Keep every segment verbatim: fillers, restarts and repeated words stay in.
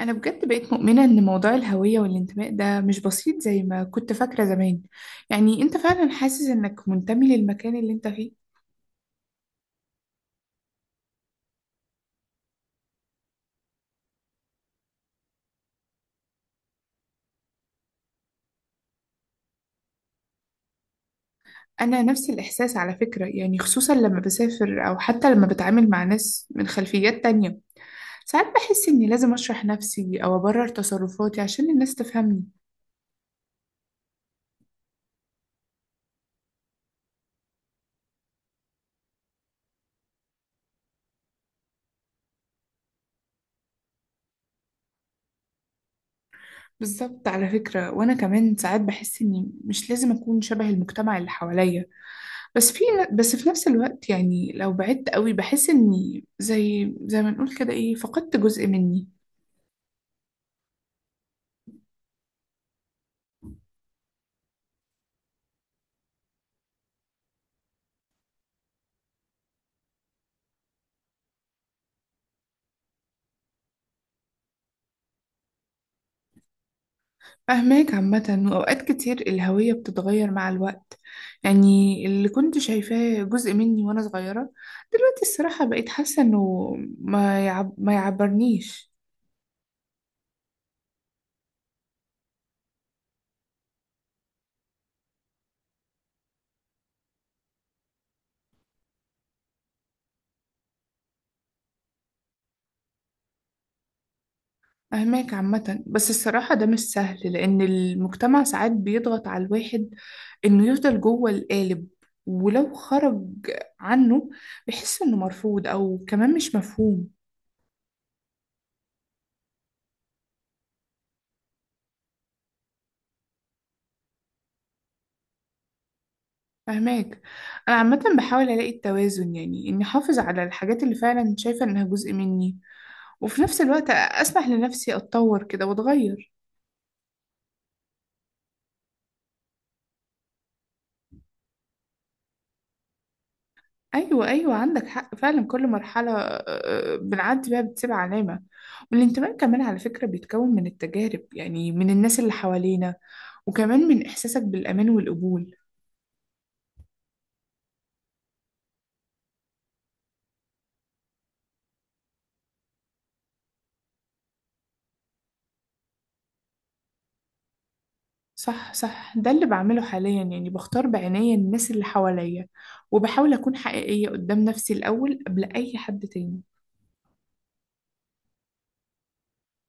أنا بجد بقيت مؤمنة إن موضوع الهوية والانتماء ده مش بسيط زي ما كنت فاكرة زمان. يعني أنت فعلا حاسس إنك منتمي للمكان اللي أنت فيه؟ أنا نفس الإحساس على فكرة، يعني خصوصا لما بسافر أو حتى لما بتعامل مع ناس من خلفيات تانية. ساعات بحس إني لازم أشرح نفسي أو أبرر تصرفاتي عشان الناس تفهمني. بالظبط على فكرة، وأنا كمان ساعات بحس إني مش لازم أكون شبه المجتمع اللي حواليا. بس في بس في نفس الوقت، يعني لو بعدت قوي بحس اني، زي زي ما نقول كده، ايه، فقدت جزء مني. فاهماك عامة. وأوقات كتير الهوية بتتغير مع الوقت، يعني اللي كنت شايفاه جزء مني وأنا صغيرة، دلوقتي الصراحة بقيت حاسة إنه ما يعب ما يعبرنيش. أهماك عامة، بس الصراحة ده مش سهل، لأن المجتمع ساعات بيضغط على الواحد إنه يفضل جوه القالب، ولو خرج عنه بيحس إنه مرفوض أو كمان مش مفهوم. فهماك. أنا عامة بحاول ألاقي التوازن، يعني إني أحافظ على الحاجات اللي فعلا شايفة إنها جزء مني، وفي نفس الوقت أسمح لنفسي أتطور كده وأتغير. ايوه، ايوه، عندك حق فعلا، كل مرحله آه، بنعدي بيها بتسيب علامه. والانتماء كمان على فكره بيتكون من التجارب، يعني من الناس اللي حوالينا وكمان من احساسك بالامان والقبول. صح، صح، ده اللي بعمله حاليا، يعني بختار بعناية الناس اللي حواليا، وبحاول اكون حقيقيه قدام نفسي الاول قبل اي حد تاني.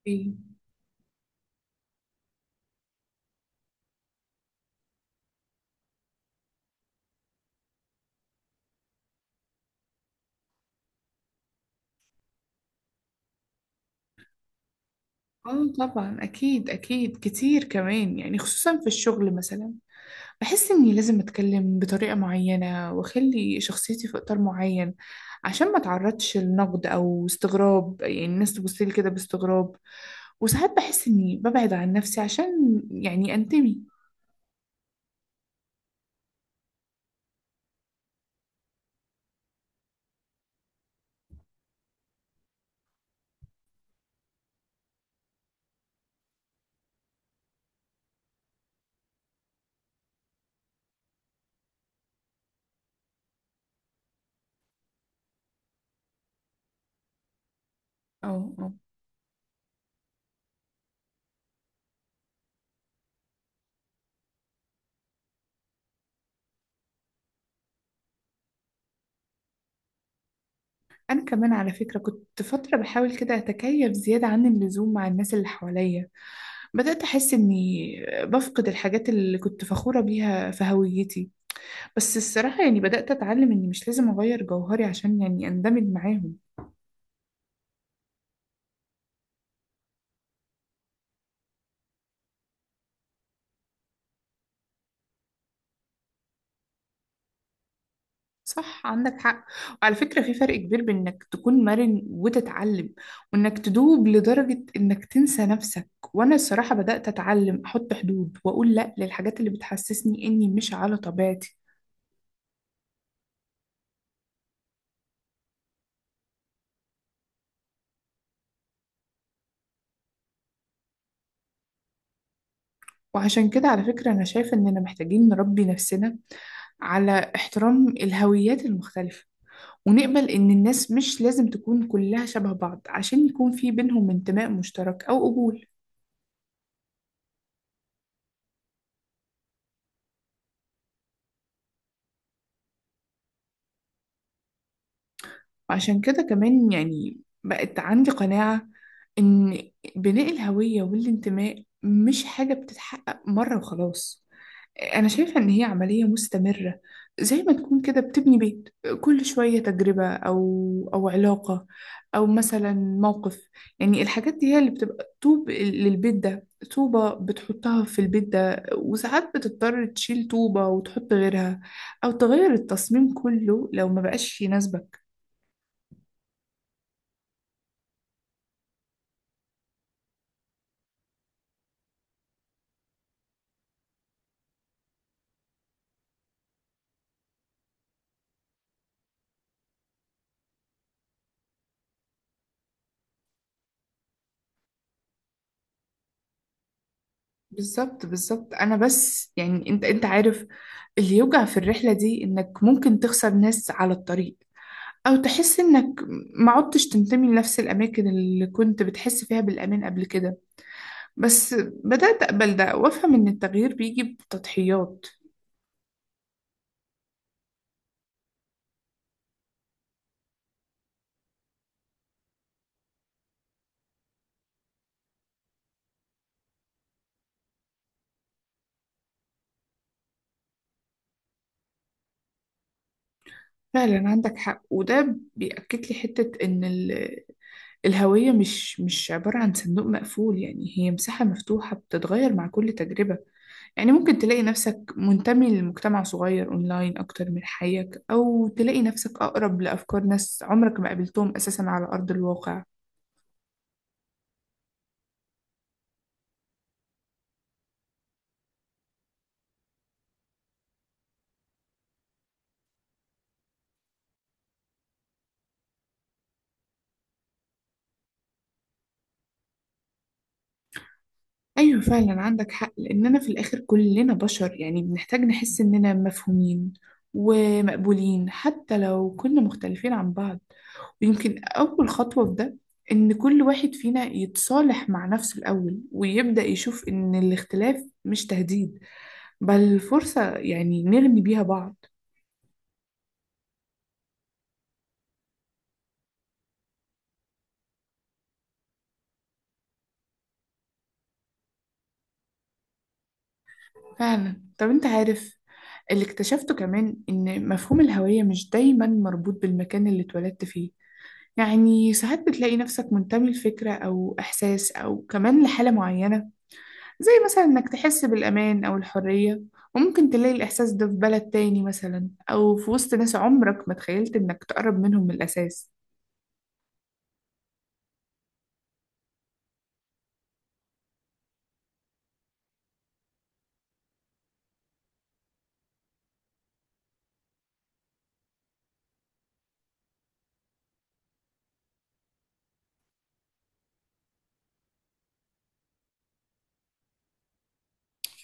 ايه. اه، طبعا، اكيد اكيد كتير كمان، يعني خصوصا في الشغل مثلا بحس إني لازم أتكلم بطريقة معينة وأخلي شخصيتي في إطار معين، عشان ما أتعرضش لنقد أو استغراب، يعني الناس تبصلي كده باستغراب. وساعات بحس إني ببعد عن نفسي عشان يعني أنتمي. أو أو أنا كمان على فكرة كنت فترة بحاول كده أتكيف زيادة عن اللزوم مع الناس اللي حواليا، بدأت أحس إني بفقد الحاجات اللي كنت فخورة بيها في هويتي، بس الصراحة يعني بدأت أتعلم إني مش لازم أغير جوهري عشان يعني أندمج معاهم. صح، عندك حق. وعلى فكرة في فرق كبير بين انك تكون مرن وتتعلم، وانك تدوب لدرجة انك تنسى نفسك. وانا الصراحة بدأت اتعلم احط حدود واقول لا للحاجات اللي بتحسسني اني مش على طبيعتي. وعشان كده على فكرة انا شايفة اننا محتاجين نربي نفسنا على احترام الهويات المختلفة، ونقبل ان الناس مش لازم تكون كلها شبه بعض عشان يكون في بينهم انتماء مشترك او قبول. وعشان كده كمان يعني بقت عندي قناعة إن بناء الهوية والانتماء مش حاجة بتتحقق مرة وخلاص. أنا شايفة إن هي عملية مستمرة، زي ما تكون كده بتبني بيت، كل شوية تجربة أو أو علاقة أو مثلا موقف، يعني الحاجات دي هي اللي بتبقى طوب للبيت ده، طوبة بتحطها في البيت ده، وساعات بتضطر تشيل طوبة وتحط غيرها أو تغير التصميم كله لو ما بقاش يناسبك. بالظبط، بالظبط، انا بس يعني انت انت عارف اللي يوجع في الرحلة دي انك ممكن تخسر ناس على الطريق، او تحس انك ما عدتش تنتمي لنفس الاماكن اللي كنت بتحس فيها بالامان قبل كده. بس بدأت اقبل ده وافهم ان التغيير بيجي بتضحيات. فعلا عندك حق. وده بيأكد لي حتة ان ال- الهوية مش مش عبارة عن صندوق مقفول، يعني هي مساحة مفتوحة بتتغير مع كل تجربة. يعني ممكن تلاقي نفسك منتمي لمجتمع صغير أونلاين أكتر من حيك، أو تلاقي نفسك أقرب لأفكار ناس عمرك ما قابلتهم أساسا على أرض الواقع. أيوة، فعلا عندك حق، لأننا في الآخر كلنا بشر يعني، بنحتاج نحس إننا مفهومين ومقبولين حتى لو كنا مختلفين عن بعض. ويمكن أول خطوة في ده إن كل واحد فينا يتصالح مع نفسه الأول ويبدأ يشوف إن الاختلاف مش تهديد، بل فرصة يعني نرمي بيها بعض. فعلا. طب انت عارف، اللي اكتشفته كمان ان مفهوم الهوية مش دايما مربوط بالمكان اللي اتولدت فيه، يعني ساعات بتلاقي نفسك منتمي لفكرة او احساس او كمان لحالة معينة، زي مثلا انك تحس بالامان او الحرية. وممكن تلاقي الاحساس ده في بلد تاني مثلا، او في وسط ناس عمرك ما تخيلت انك تقرب منهم من الاساس.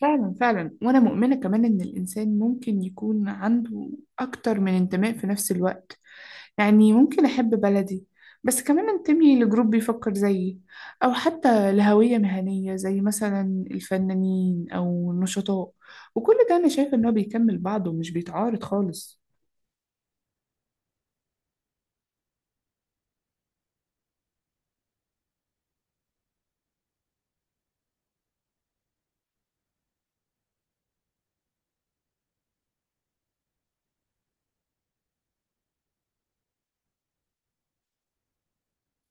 فعلا، فعلا، وانا مؤمنة كمان ان الانسان ممكن يكون عنده اكتر من انتماء في نفس الوقت، يعني ممكن أحب بلدي بس كمان أنتمي لجروب بيفكر زيي، أو حتى لهوية مهنية زي مثلا الفنانين أو النشطاء، وكل ده أنا شايفة إن هو بيكمل بعضه ومش بيتعارض خالص.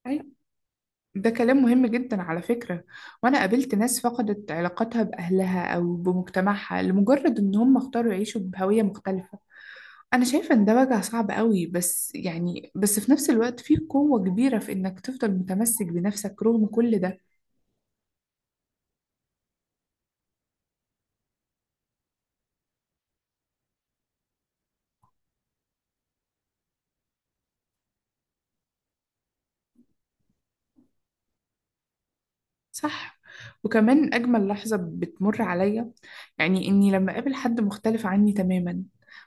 أيوة. ده كلام مهم جدا على فكرة. وأنا قابلت ناس فقدت علاقتها بأهلها أو بمجتمعها لمجرد إن هم اختاروا يعيشوا بهوية مختلفة. أنا شايفة إن ده وجع صعب قوي، بس يعني بس في نفس الوقت فيه قوة كبيرة في إنك تفضل متمسك بنفسك رغم كل ده. صح. وكمان أجمل لحظة بتمر عليا، يعني إني لما أقابل حد مختلف عني تماما،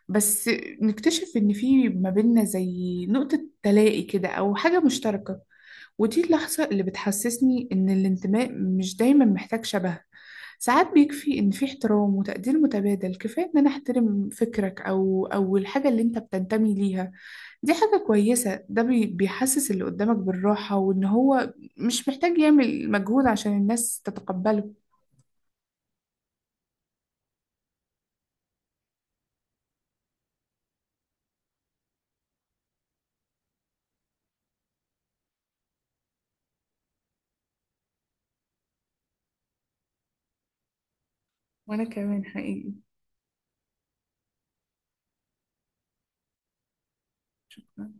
بس نكتشف إن في ما بيننا زي نقطة تلاقي كده أو حاجة مشتركة. ودي اللحظة اللي بتحسسني إن الانتماء مش دايما محتاج شبه، ساعات بيكفي إن في احترام وتقدير متبادل، كفاية إن أنا أحترم فكرك أو أو الحاجة اللي أنت بتنتمي ليها. دي حاجة كويسة، ده بي- بيحسس اللي قدامك بالراحة، وإن هو مش محتاج يعمل مجهود عشان الناس تتقبله. وأنا كمان حقيقي. شكرا.